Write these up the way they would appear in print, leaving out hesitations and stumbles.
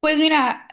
Pues mira,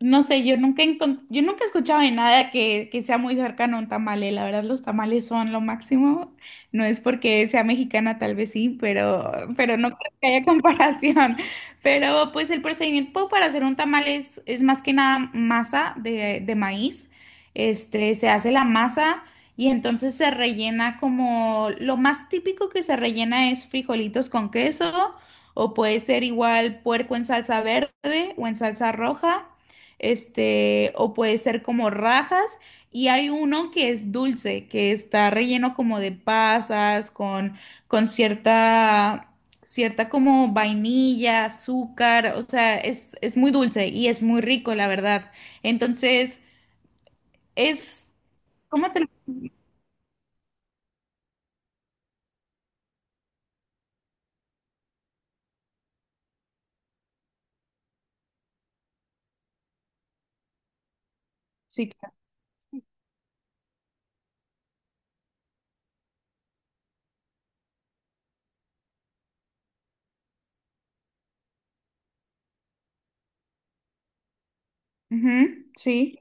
no sé, yo nunca he escuchado de nada que sea muy cercano a un tamale. La verdad, los tamales son lo máximo. No es porque sea mexicana, tal vez sí, pero no creo que haya comparación. Pero pues el procedimiento para hacer un tamal es más que nada masa de maíz. Se hace la masa y entonces se rellena, como lo más típico que se rellena es frijolitos con queso. O puede ser igual puerco en salsa verde o en salsa roja. O puede ser como rajas. Y hay uno que es dulce, que está relleno como de pasas, con cierta, cierta como vainilla, azúcar. O sea, es muy dulce y es muy rico, la verdad. Entonces, es, ¿cómo te lo... Sí, claro. Ujú, sí.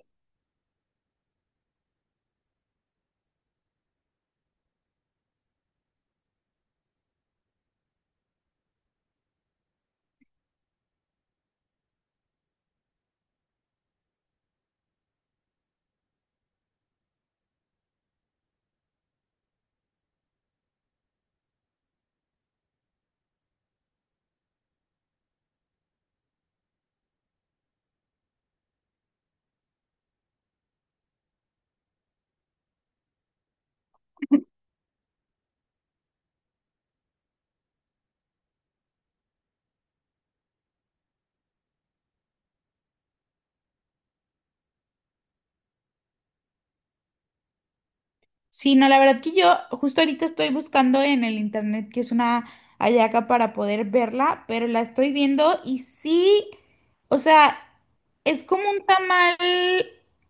Sí, no, la verdad que yo justo ahorita estoy buscando en el internet que es una hallaca para poder verla, pero la estoy viendo y sí, o sea, es como un tamal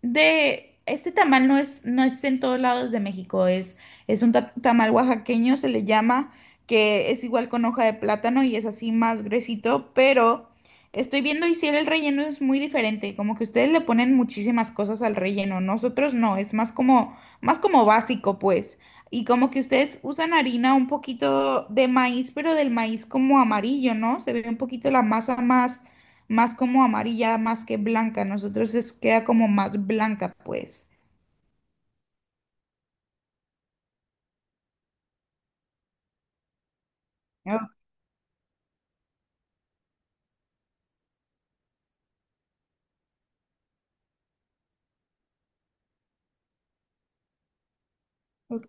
de, este tamal no es en todos lados de México, es un tamal oaxaqueño, se le llama, que es igual con hoja de plátano y es así más gruesito, pero estoy viendo y sí, el relleno es muy diferente, como que ustedes le ponen muchísimas cosas al relleno, nosotros no, es más como básico, pues. Y como que ustedes usan harina un poquito de maíz, pero del maíz como amarillo, ¿no? Se ve un poquito la masa más, más como amarilla, más que blanca. Nosotros es, queda como más blanca, pues. Ah, ok.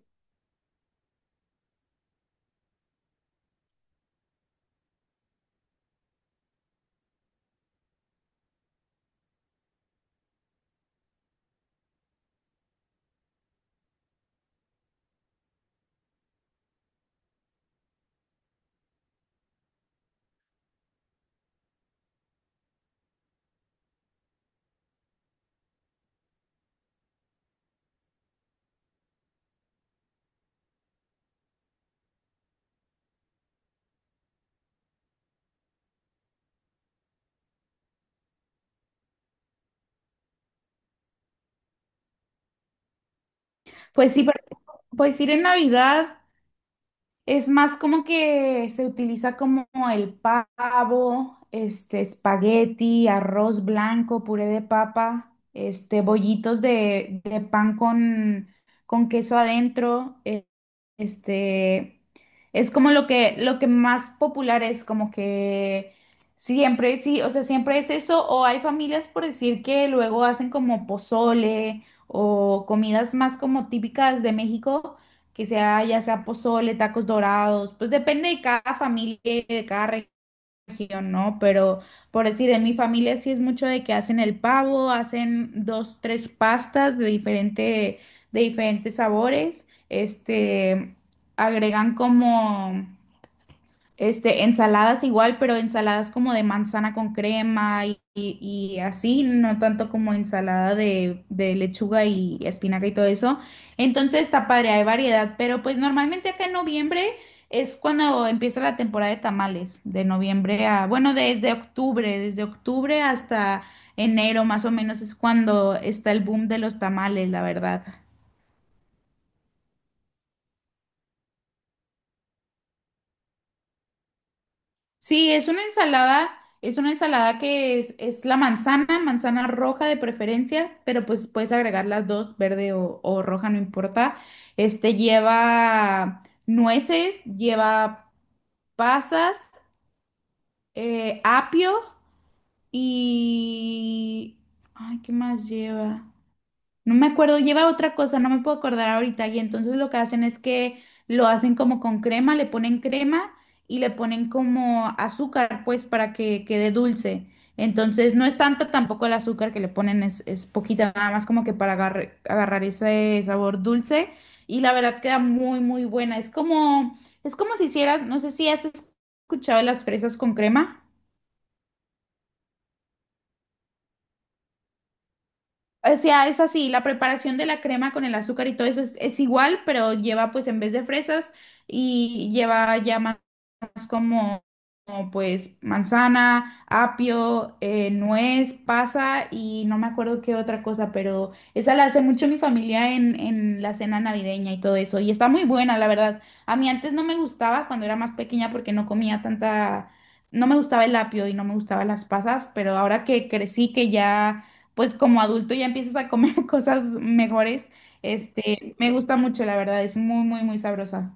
Pues sí, pero- pues ir en Navidad. Es más como que se utiliza como el pavo, espagueti, arroz blanco, puré de papa, bollitos de pan con queso adentro. Este, es como lo que más popular es, como que siempre, sí, o sea, siempre es eso. O hay familias, por decir, que luego hacen como pozole o comidas más como típicas de México, que sea ya sea pozole, tacos dorados, pues depende de cada familia y de cada región, ¿no? Pero por decir, en mi familia sí es mucho de que hacen el pavo, hacen dos, tres pastas de diferente, de diferentes sabores, agregan como ensaladas igual, pero ensaladas como de manzana con crema y así, no tanto como ensalada de lechuga y espinaca y todo eso. Entonces está padre, hay variedad, pero pues normalmente acá en noviembre es cuando empieza la temporada de tamales, de noviembre a, bueno, desde octubre hasta enero más o menos es cuando está el boom de los tamales, la verdad. Sí, es una ensalada, es una ensalada es la manzana, manzana roja de preferencia, pero pues puedes agregar las dos, verde o roja, no importa. Este lleva nueces, lleva pasas, apio y... Ay, ¿qué más lleva? No me acuerdo, lleva otra cosa, no me puedo acordar ahorita. Y entonces lo que hacen es que lo hacen como con crema, le ponen crema y le ponen como azúcar, pues, para que quede dulce. Entonces no es tanto tampoco el azúcar que le ponen, es poquita, nada más como que para agarrar ese sabor dulce. Y la verdad queda muy, muy buena. Es como si hicieras, no sé si has escuchado las fresas con crema. O sea, es así, la preparación de la crema con el azúcar y todo eso es igual, pero lleva pues en vez de fresas y lleva ya como, como, pues manzana, apio, nuez, pasa y no me acuerdo qué otra cosa, pero esa la hace mucho mi familia en la cena navideña y todo eso. Y está muy buena, la verdad. A mí antes no me gustaba cuando era más pequeña porque no comía tanta, no me gustaba el apio y no me gustaban las pasas, pero ahora que crecí, que ya, pues como adulto ya empiezas a comer cosas mejores, me gusta mucho, la verdad, es muy, muy, muy sabrosa.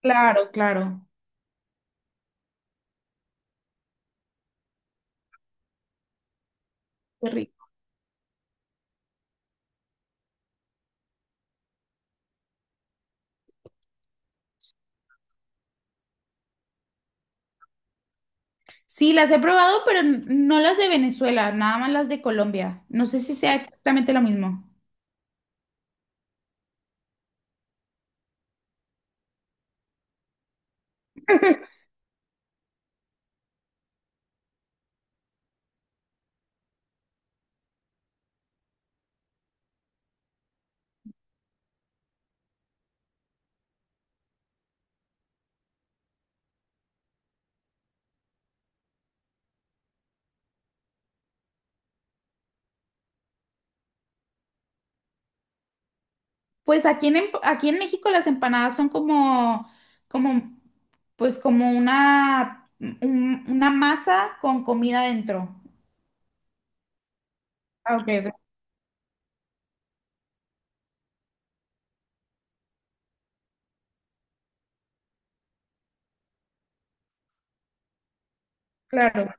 Claro, claro. Qué rico. Sí, las he probado, pero no las de Venezuela, nada más las de Colombia. No sé si sea exactamente lo mismo. Pues aquí en, aquí en México las empanadas son como, como, pues como una, una masa con comida dentro. Ah, ok, ok, claro.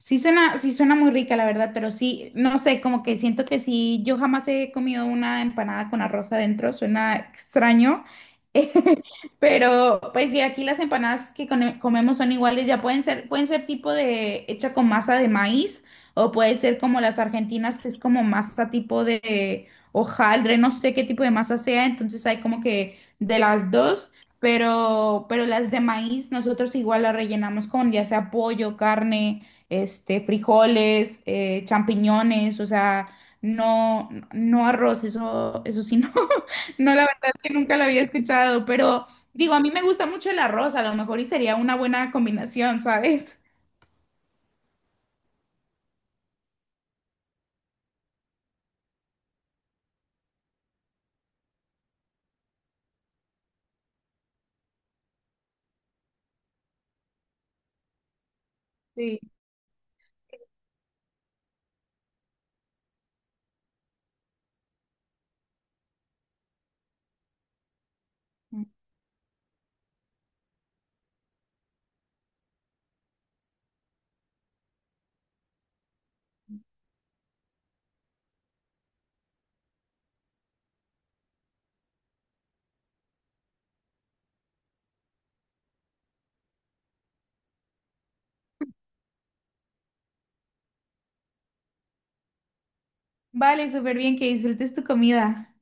Sí suena muy rica, la verdad, pero sí, no sé, como que siento que sí, yo jamás he comido una empanada con arroz adentro, suena extraño, pero pues sí, aquí las empanadas que comemos son iguales, ya pueden ser tipo de hecha con masa de maíz o puede ser como las argentinas, que es como masa tipo de hojaldre, no sé qué tipo de masa sea, entonces hay como que de las dos. Pero las de maíz nosotros igual las rellenamos con ya sea pollo, carne, frijoles, champiñones, o sea, no, no arroz, eso sí, no, no, la verdad que nunca lo había escuchado, pero digo, a mí me gusta mucho el arroz, a lo mejor y sería una buena combinación, ¿sabes? Sí. Vale, súper bien, que disfrutes tu comida.